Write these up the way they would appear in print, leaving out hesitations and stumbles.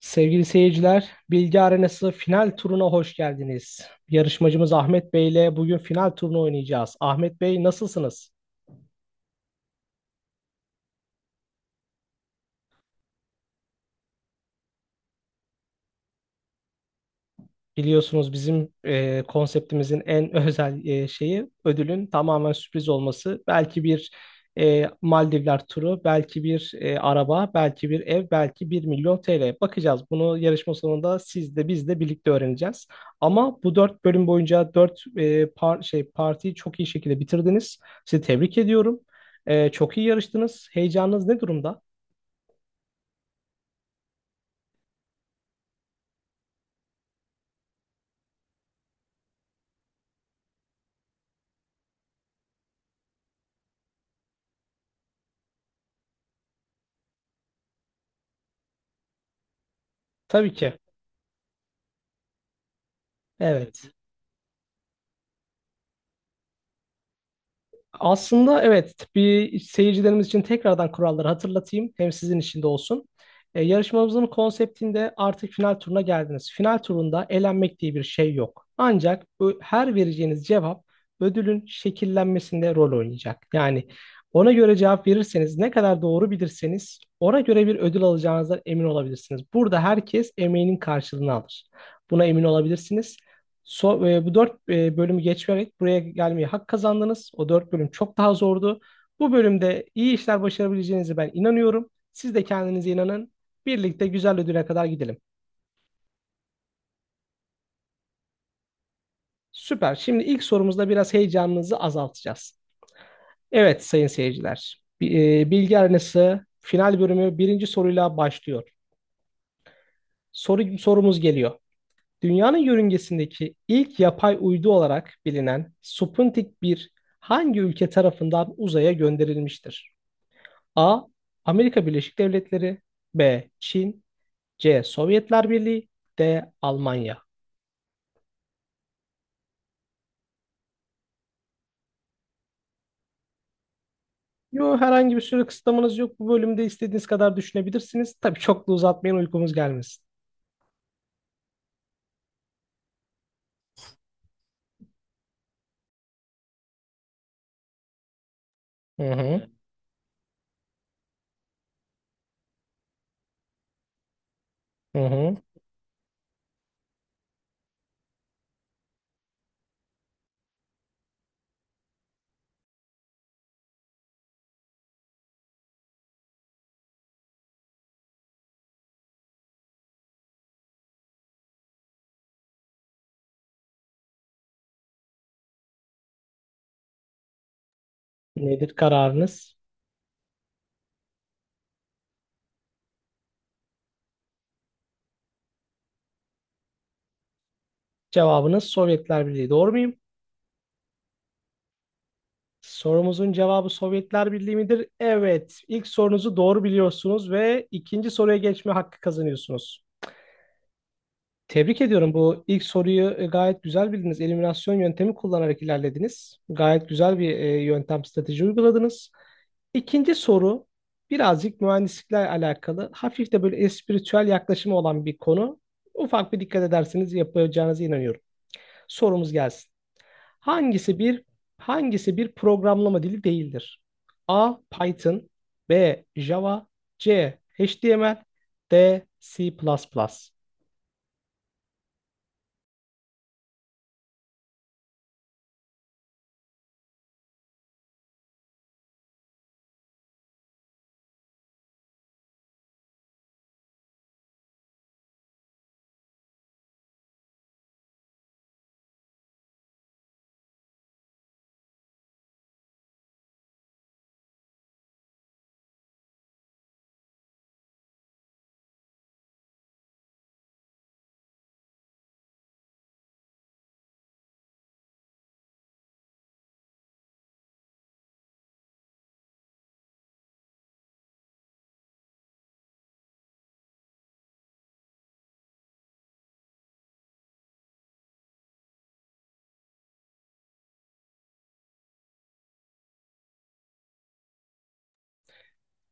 Sevgili seyirciler, Bilgi Arenası final turuna hoş geldiniz. Yarışmacımız Ahmet Bey ile bugün final turunu oynayacağız. Ahmet Bey nasılsınız? Biliyorsunuz bizim konseptimizin en özel şeyi ödülün tamamen sürpriz olması. Belki bir Maldivler turu, belki bir araba, belki bir ev, belki 1 milyon TL. Bakacağız. Bunu yarışma sonunda siz de biz de birlikte öğreneceğiz. Ama bu dört bölüm boyunca dört partiyi çok iyi şekilde bitirdiniz. Sizi tebrik ediyorum. Çok iyi yarıştınız. Heyecanınız ne durumda? Tabii ki. Evet. Aslında evet bir seyircilerimiz için tekrardan kuralları hatırlatayım. Hem sizin için de olsun. Yarışmamızın konseptinde artık final turuna geldiniz. Final turunda elenmek diye bir şey yok. Ancak bu her vereceğiniz cevap ödülün şekillenmesinde rol oynayacak. Yani ona göre cevap verirseniz ne kadar doğru bilirseniz ona göre bir ödül alacağınızdan emin olabilirsiniz. Burada herkes emeğinin karşılığını alır. Buna emin olabilirsiniz. Bu dört bölümü geçerek buraya gelmeye hak kazandınız. O dört bölüm çok daha zordu. Bu bölümde iyi işler başarabileceğinize ben inanıyorum. Siz de kendinize inanın. Birlikte güzel ödüle kadar gidelim. Süper. Şimdi ilk sorumuzda biraz heyecanınızı azaltacağız. Evet sayın seyirciler. Bilgi Arenası final bölümü birinci soruyla başlıyor. Sorumuz geliyor. Dünyanın yörüngesindeki ilk yapay uydu olarak bilinen Sputnik bir hangi ülke tarafından uzaya gönderilmiştir? A. Amerika Birleşik Devletleri B. Çin C. Sovyetler Birliği D. Almanya. Yo, herhangi bir süre kısıtlamanız yok. Bu bölümde istediğiniz kadar düşünebilirsiniz. Tabii çok da uzatmayın uykumuz gelmesin. Hı hı. Evet. Hı hı. Nedir kararınız? Cevabınız Sovyetler Birliği. Doğru muyum? Sorumuzun cevabı Sovyetler Birliği midir? Evet. İlk sorunuzu doğru biliyorsunuz ve ikinci soruya geçme hakkı kazanıyorsunuz. Tebrik ediyorum. Bu ilk soruyu gayet güzel bildiniz. Eliminasyon yöntemi kullanarak ilerlediniz. Gayet güzel bir yöntem strateji uyguladınız. İkinci soru birazcık mühendislikle alakalı. Hafif de böyle espiritüel yaklaşımı olan bir konu. Ufak bir dikkat ederseniz yapacağınıza inanıyorum. Sorumuz gelsin. Hangisi bir hangisi bir programlama dili değildir? A. Python B. Java C. HTML D. C++.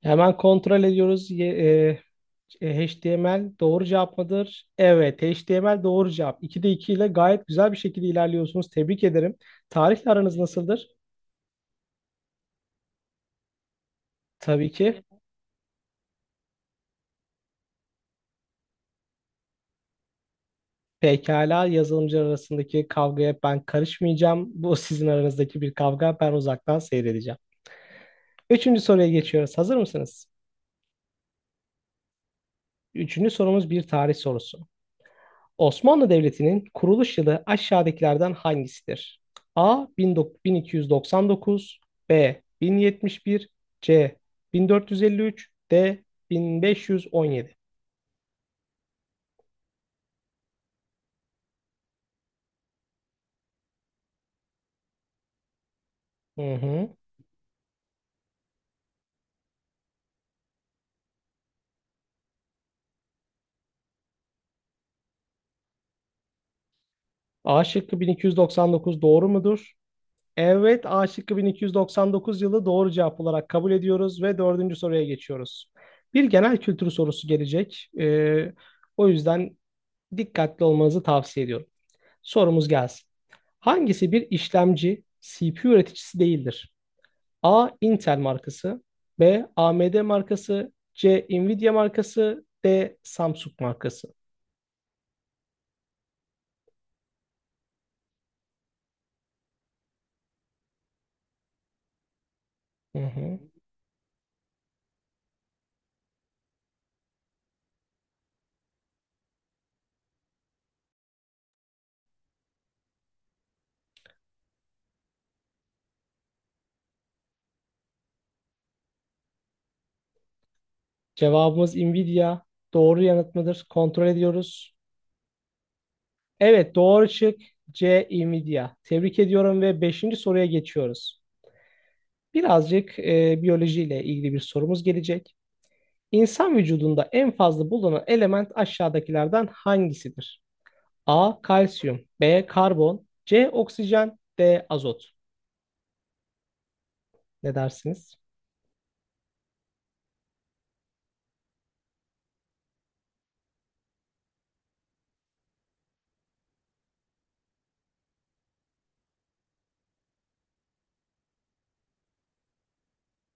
Hemen kontrol ediyoruz. HTML doğru cevap mıdır? Evet, HTML doğru cevap. 2'de 2 ile gayet güzel bir şekilde ilerliyorsunuz. Tebrik ederim. Tarihle aranız nasıldır? Tabii ki. Pekala yazılımcı arasındaki kavgaya ben karışmayacağım. Bu sizin aranızdaki bir kavga. Ben uzaktan seyredeceğim. Üçüncü soruya geçiyoruz. Hazır mısınız? Üçüncü sorumuz bir tarih sorusu. Osmanlı Devleti'nin kuruluş yılı aşağıdakilerden hangisidir? A. 1299 B. 1071 C. 1453 D. 1517. Hı hı. A şıkkı 1299 doğru mudur? Evet, A şıkkı 1299 yılı doğru cevap olarak kabul ediyoruz ve dördüncü soruya geçiyoruz. Bir genel kültür sorusu gelecek. O yüzden dikkatli olmanızı tavsiye ediyorum. Sorumuz gelsin. Hangisi bir işlemci CPU üreticisi değildir? A. Intel markası B. AMD markası C. Nvidia markası D. Samsung markası. Hı hı. Cevabımız Nvidia. Doğru yanıt mıdır? Kontrol ediyoruz. Evet doğru çık. C. Nvidia. Tebrik ediyorum ve beşinci soruya geçiyoruz. Birazcık biyolojiyle ilgili bir sorumuz gelecek. İnsan vücudunda en fazla bulunan element aşağıdakilerden hangisidir? A. Kalsiyum. B. Karbon. C. Oksijen. D. Azot. Ne dersiniz?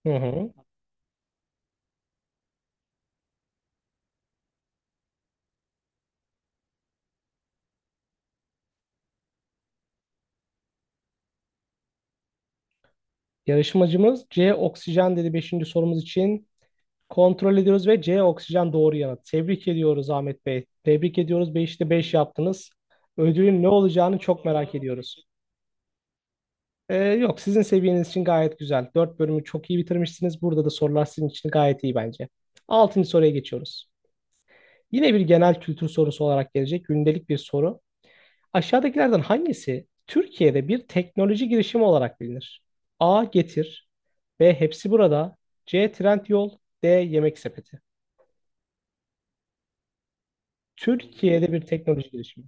Hı hı. Yarışmacımız C. Oksijen dedi beşinci sorumuz için. Kontrol ediyoruz ve C. Oksijen doğru yanıt. Tebrik ediyoruz Ahmet Bey. Tebrik ediyoruz. Beşte 5 yaptınız. Ödülün ne olacağını çok merak ediyoruz. Yok sizin seviyeniz için gayet güzel. 4 bölümü çok iyi bitirmişsiniz. Burada da sorular sizin için gayet iyi bence. 6. soruya geçiyoruz. Yine bir genel kültür sorusu olarak gelecek. Gündelik bir soru. Aşağıdakilerden hangisi Türkiye'de bir teknoloji girişimi olarak bilinir? A. Getir B. Hepsi burada C. Trendyol D. Yemek sepeti. Türkiye'de bir teknoloji girişimi.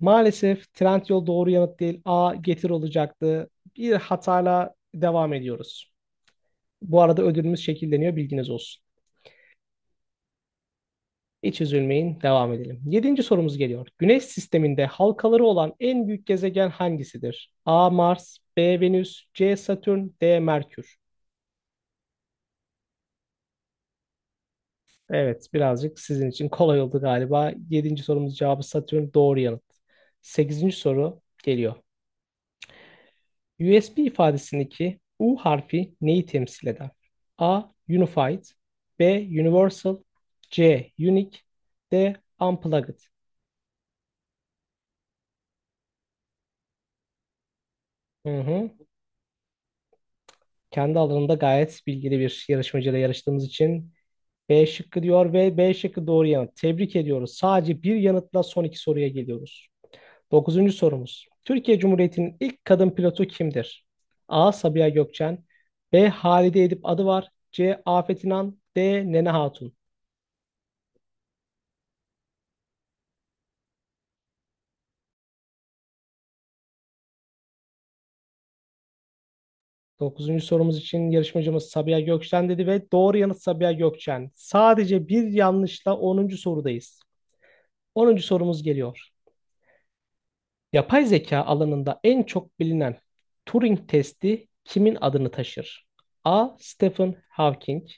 Maalesef Trendyol doğru yanıt değil. A. Getir olacaktı. Bir hatayla devam ediyoruz. Bu arada ödülümüz şekilleniyor bilginiz olsun. Hiç üzülmeyin devam edelim. Yedinci sorumuz geliyor. Güneş sisteminde halkaları olan en büyük gezegen hangisidir? A. Mars B. Venüs C. Satürn D. Merkür. Evet, birazcık sizin için kolay oldu galiba. Yedinci sorumuz cevabı Satürn doğru yanıt. Sekizinci soru geliyor. USB ifadesindeki U harfi neyi temsil eder? A. Unified B. Universal C. Unique D. Unplugged. Hı hı. Kendi alanında gayet bilgili bir yarışmacıyla yarıştığımız için B şıkkı diyor ve B şıkkı doğru yanıt. Tebrik ediyoruz. Sadece bir yanıtla son iki soruya geliyoruz. Dokuzuncu sorumuz. Türkiye Cumhuriyeti'nin ilk kadın pilotu kimdir? A. Sabiha Gökçen B. Halide Edip Adıvar C. Afet İnan D. Nene Hatun. Dokuzuncu sorumuz için yarışmacımız Sabiha Gökçen dedi ve doğru yanıt Sabiha Gökçen. Sadece bir yanlışla onuncu sorudayız. Onuncu sorumuz geliyor. Yapay zeka alanında en çok bilinen Turing testi kimin adını taşır? A. Stephen Hawking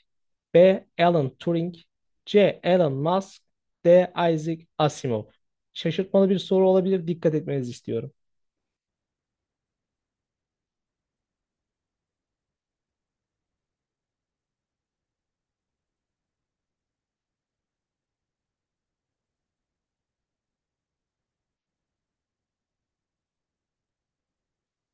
B. Alan Turing C. Elon Musk D. Isaac Asimov. Şaşırtmalı bir soru olabilir. Dikkat etmenizi istiyorum.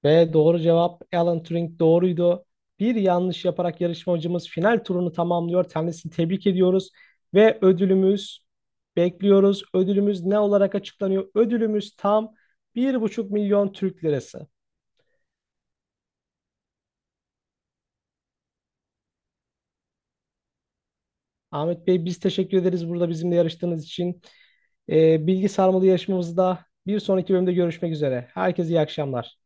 Ve doğru cevap Alan Turing doğruydu. Bir yanlış yaparak yarışmacımız final turunu tamamlıyor. Kendisini tebrik ediyoruz ve ödülümüz bekliyoruz. Ödülümüz ne olarak açıklanıyor? Ödülümüz tam 1,5 milyon Türk lirası. Ahmet Bey biz teşekkür ederiz burada bizimle yarıştığınız için. Bilgi sarmalı yarışmamızda bir sonraki bölümde görüşmek üzere. Herkese iyi akşamlar.